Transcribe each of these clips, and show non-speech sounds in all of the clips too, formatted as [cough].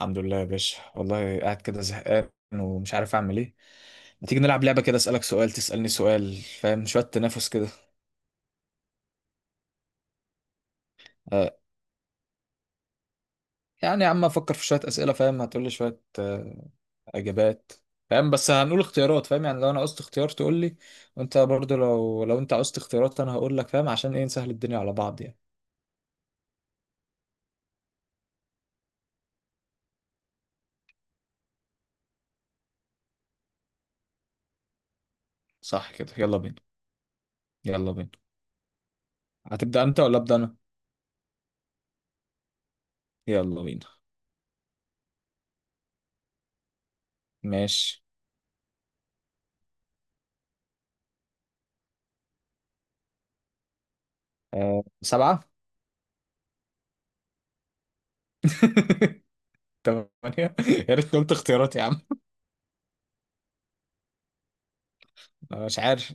الحمد لله يا باشا، والله قاعد كده زهقان ومش عارف اعمل ايه. ما تيجي نلعب لعبه كده، اسالك سؤال تسالني سؤال، فاهم؟ شويه تنافس كده. آه يعني يا عم افكر في شويه اسئله، فاهم؟ هتقول لي شويه اجابات، فاهم؟ بس هنقول اختيارات، فاهم؟ يعني لو انا قصت اختيار تقول لي، وانت برضو لو انت قصت اختيارات انا هقول لك، فاهم؟ عشان ايه؟ نسهل الدنيا على بعض يعني. صح كده، يلا بينا. يلا بينا. هتبدا انت ولا ابدا انا؟ يلا بينا. ماشي. آه، 7. [laughs] 8. يا ريت قلت اختيارات يا عم. أنا مش عارف.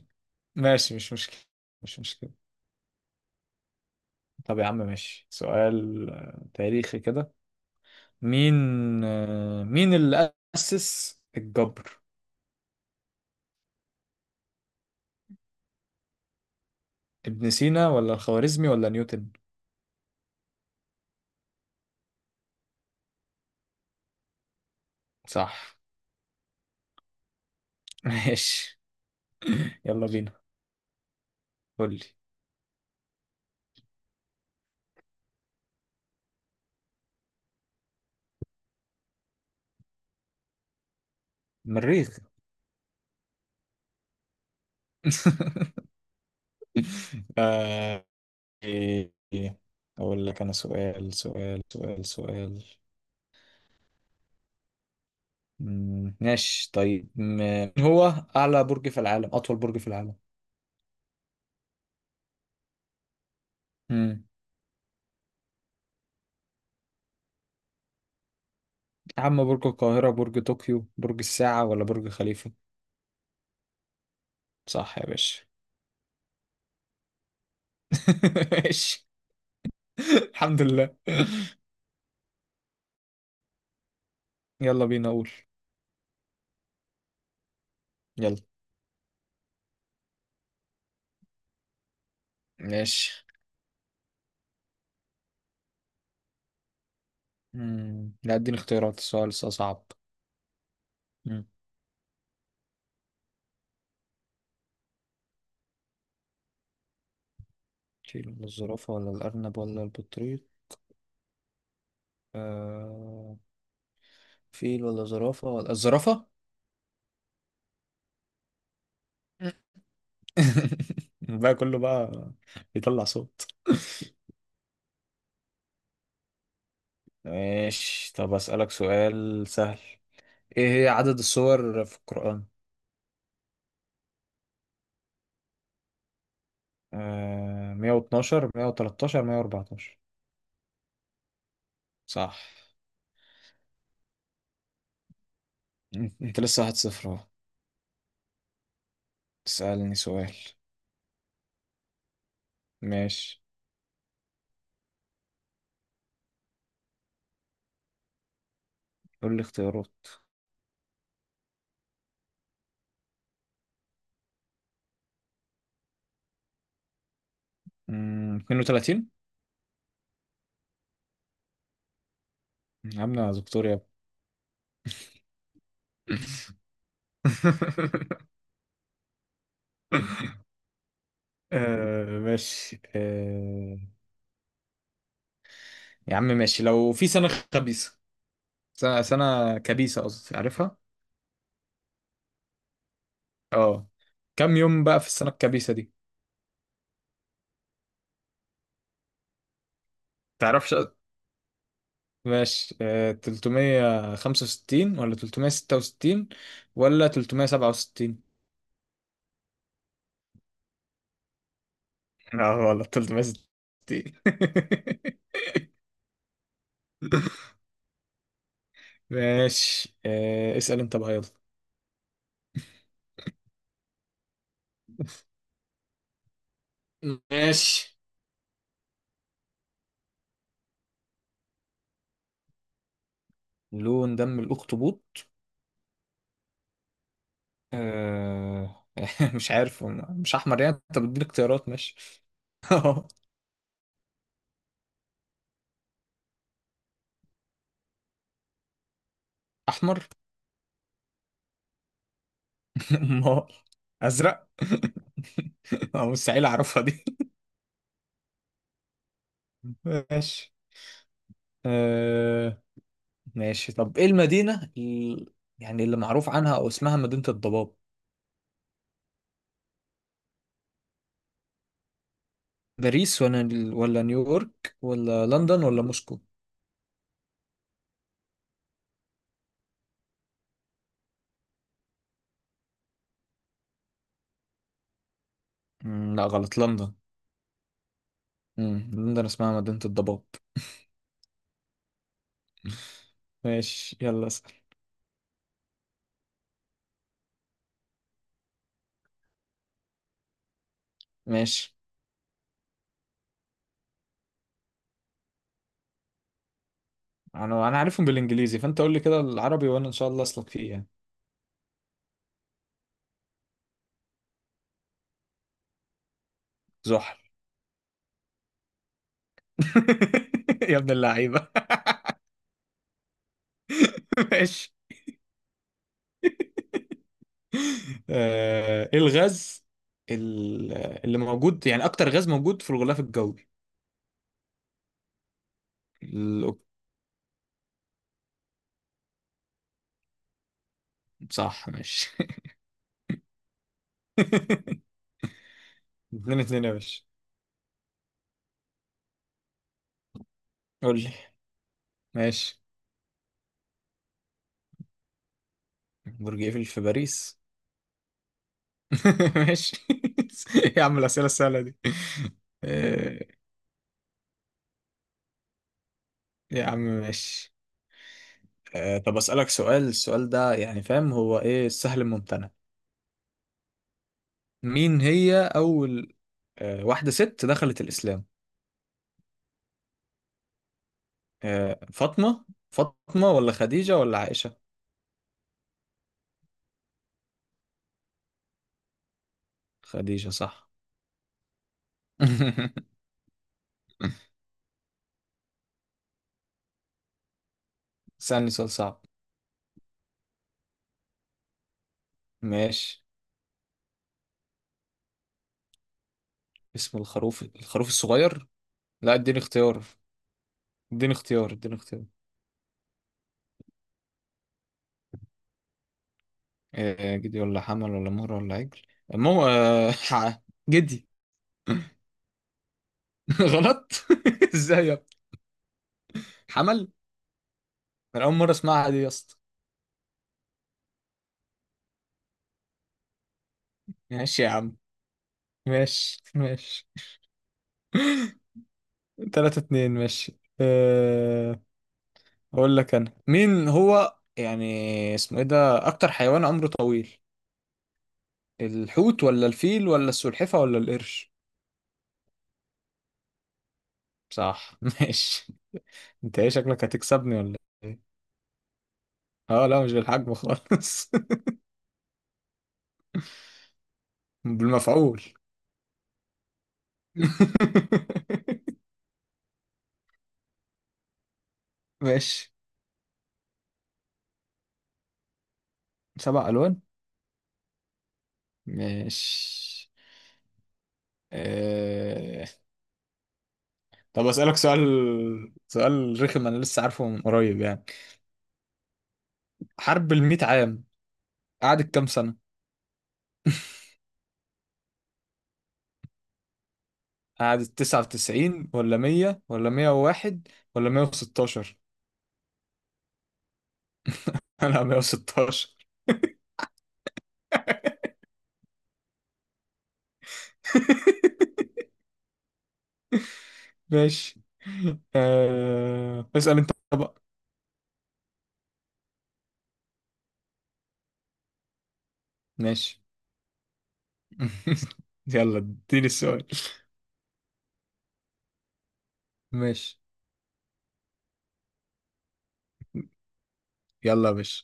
ماشي، مش مشكلة، مش مشكلة. طب يا عم، ماشي، سؤال تاريخي كده. مين؟ مين اللي أسس الجبر؟ ابن سينا ولا الخوارزمي ولا نيوتن؟ صح. [laughs] ماشي. يلا بينا. قول لي. مريخ. [laughs] آه. إيه. أقول لك أنا سؤال سؤال سؤال سؤال. ماشي. طيب مين هو أعلى برج في العالم، أطول برج في العالم؟ يا عم، برج القاهرة، برج طوكيو، برج الساعة ولا برج خليفة؟ صح يا باشا. [laughs] ماشي. الحمد لله. يلا بينا أقول. يلا. ماشي. لا، اديني اختيارات، السؤال لسه صعب. مم. فيل ولا الزرافة ولا الأرنب ولا البطريق؟ آه... فيل ولا زرافة ولا الزرافة. [laughs] بقى كله بقى بيطلع صوت. ماشي، طب أسألك سؤال سهل. ايه هي عدد السور في القرآن؟ آه، 112، 113، 114؟ صح. انت لسه 1-0 اهو. تسألني سؤال. ماشي، قول لي اختيارات. مم، 32. عاملة دكتور يا ابني. [laughs] آه، ماشي. آه، يا عم ماشي. لو في خبيثة سنة كبيسة قصدي، عارفها؟ اه. كم يوم بقى في السنة الكبيسة دي؟ تعرفش؟ ماشي. آه، 365 ولا 366 ولا 367؟ لا غلط، 366. [laughs] ماشي. آه، اسأل انت بقى، يلا. ماشي. لون دم الأخطبوط؟ آه، [laughs] مش عارف، هو مش أحمر يعني؟ انت بتديني اختيارات، ماشي. [laughs] أحمر. [laughs] أمال! أزرق؟ [laughs] آه، مستحيل أعرفها دي. [laughs] ماشي. آه، ماشي، طب ايه يعني اللي معروف عنها او اسمها مدينة الضباب؟ باريس ولا ولا نيويورك ولا لندن ولا موسكو؟ مم، لا غلط، لندن. مم، لندن اسمها مدينة الضباب. [laughs] ماشي، يلا اسأل. ماشي. انا عارفهم بالانجليزي، فانت قول لي كده العربي وانا ان شاء الله اسلك فيه يعني. زحل. [laughs] يا ابن اللعيبة. [laughs] ماشي. آه، ايه ال- اللي موجود يعني، اكتر غاز موجود في الغلاف الجوي؟ ال- صح ماشي. 2-2 يا باشا. قول لي. ماشي. برج ايفل في باريس. [laughs] ماشي. [laughs] يا عم الأسئلة السهلة دي. آه، يا عم ماشي. آه، طب أسألك سؤال، السؤال ده يعني فاهم هو ايه؟ السهل الممتنع. مين هي أول واحدة ست دخلت الإسلام؟ آه، فاطمة ولا خديجة ولا عائشة؟ خديجة صح. [laughs] سألني سؤال صعب. ماشي. اسم الخروف الصغير؟ لا، اديني اديني اديني اختيار. آه، جدي ولا حمل ولا مهر ولا عجل؟ مو آه، ح- جدي. [laughs] غلط. [laughs] ازاي يا ابني؟ حمل. انا اول مره اسمعها دي يا اسطى. ماشي يا عم، ماشي ماشي. 3-2، ماشي. أه... اقول لك انا مين هو يعني، اسمه ايه ده؟ اكتر حيوان عمره طويل، الحوت ولا الفيل ولا السلحفة ولا القرش؟ صح. [laughs] ماشي. انت ايه شكلك، هتكسبني ولا ايه؟ اه، لا مش بالحجم خالص. [laughs] بالمفعول. [laughs] ماشي. 7 ألوان. ماشي. أه... طب أسألك سؤال، سؤال رخم أنا لسه عارفه من قريب يعني. حرب الميت عام قعدت كام سنة؟ قعدت 99 ولا 100 ولا 101 ولا 116؟ [laughs] أنا 116. [laughs] ماشي. أه... اسأل أنت بقى. ماشي. [laughs] يلا اديني السؤال. ماشي. يلا يا باشا.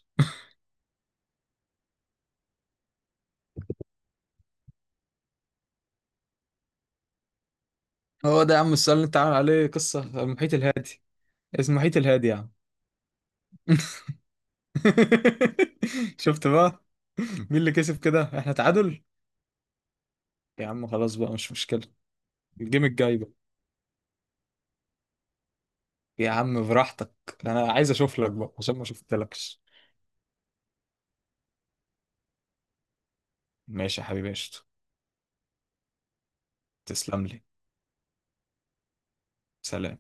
هو ده يا عم السؤال اللي انت عامل عليه قصة؟ المحيط الهادي. اسمه المحيط الهادي يا عم. [laughs] شفت بقى؟ مين اللي كسب كده؟ احنا تعادل. يا عم خلاص بقى، مش مشكلة الجيم الجاي بقى. يا عم براحتك. انا عايز اشوف لك بقى عشان ما شفتلكش. ماشي يا حبيبي، قشطة. تسلم لي. سلام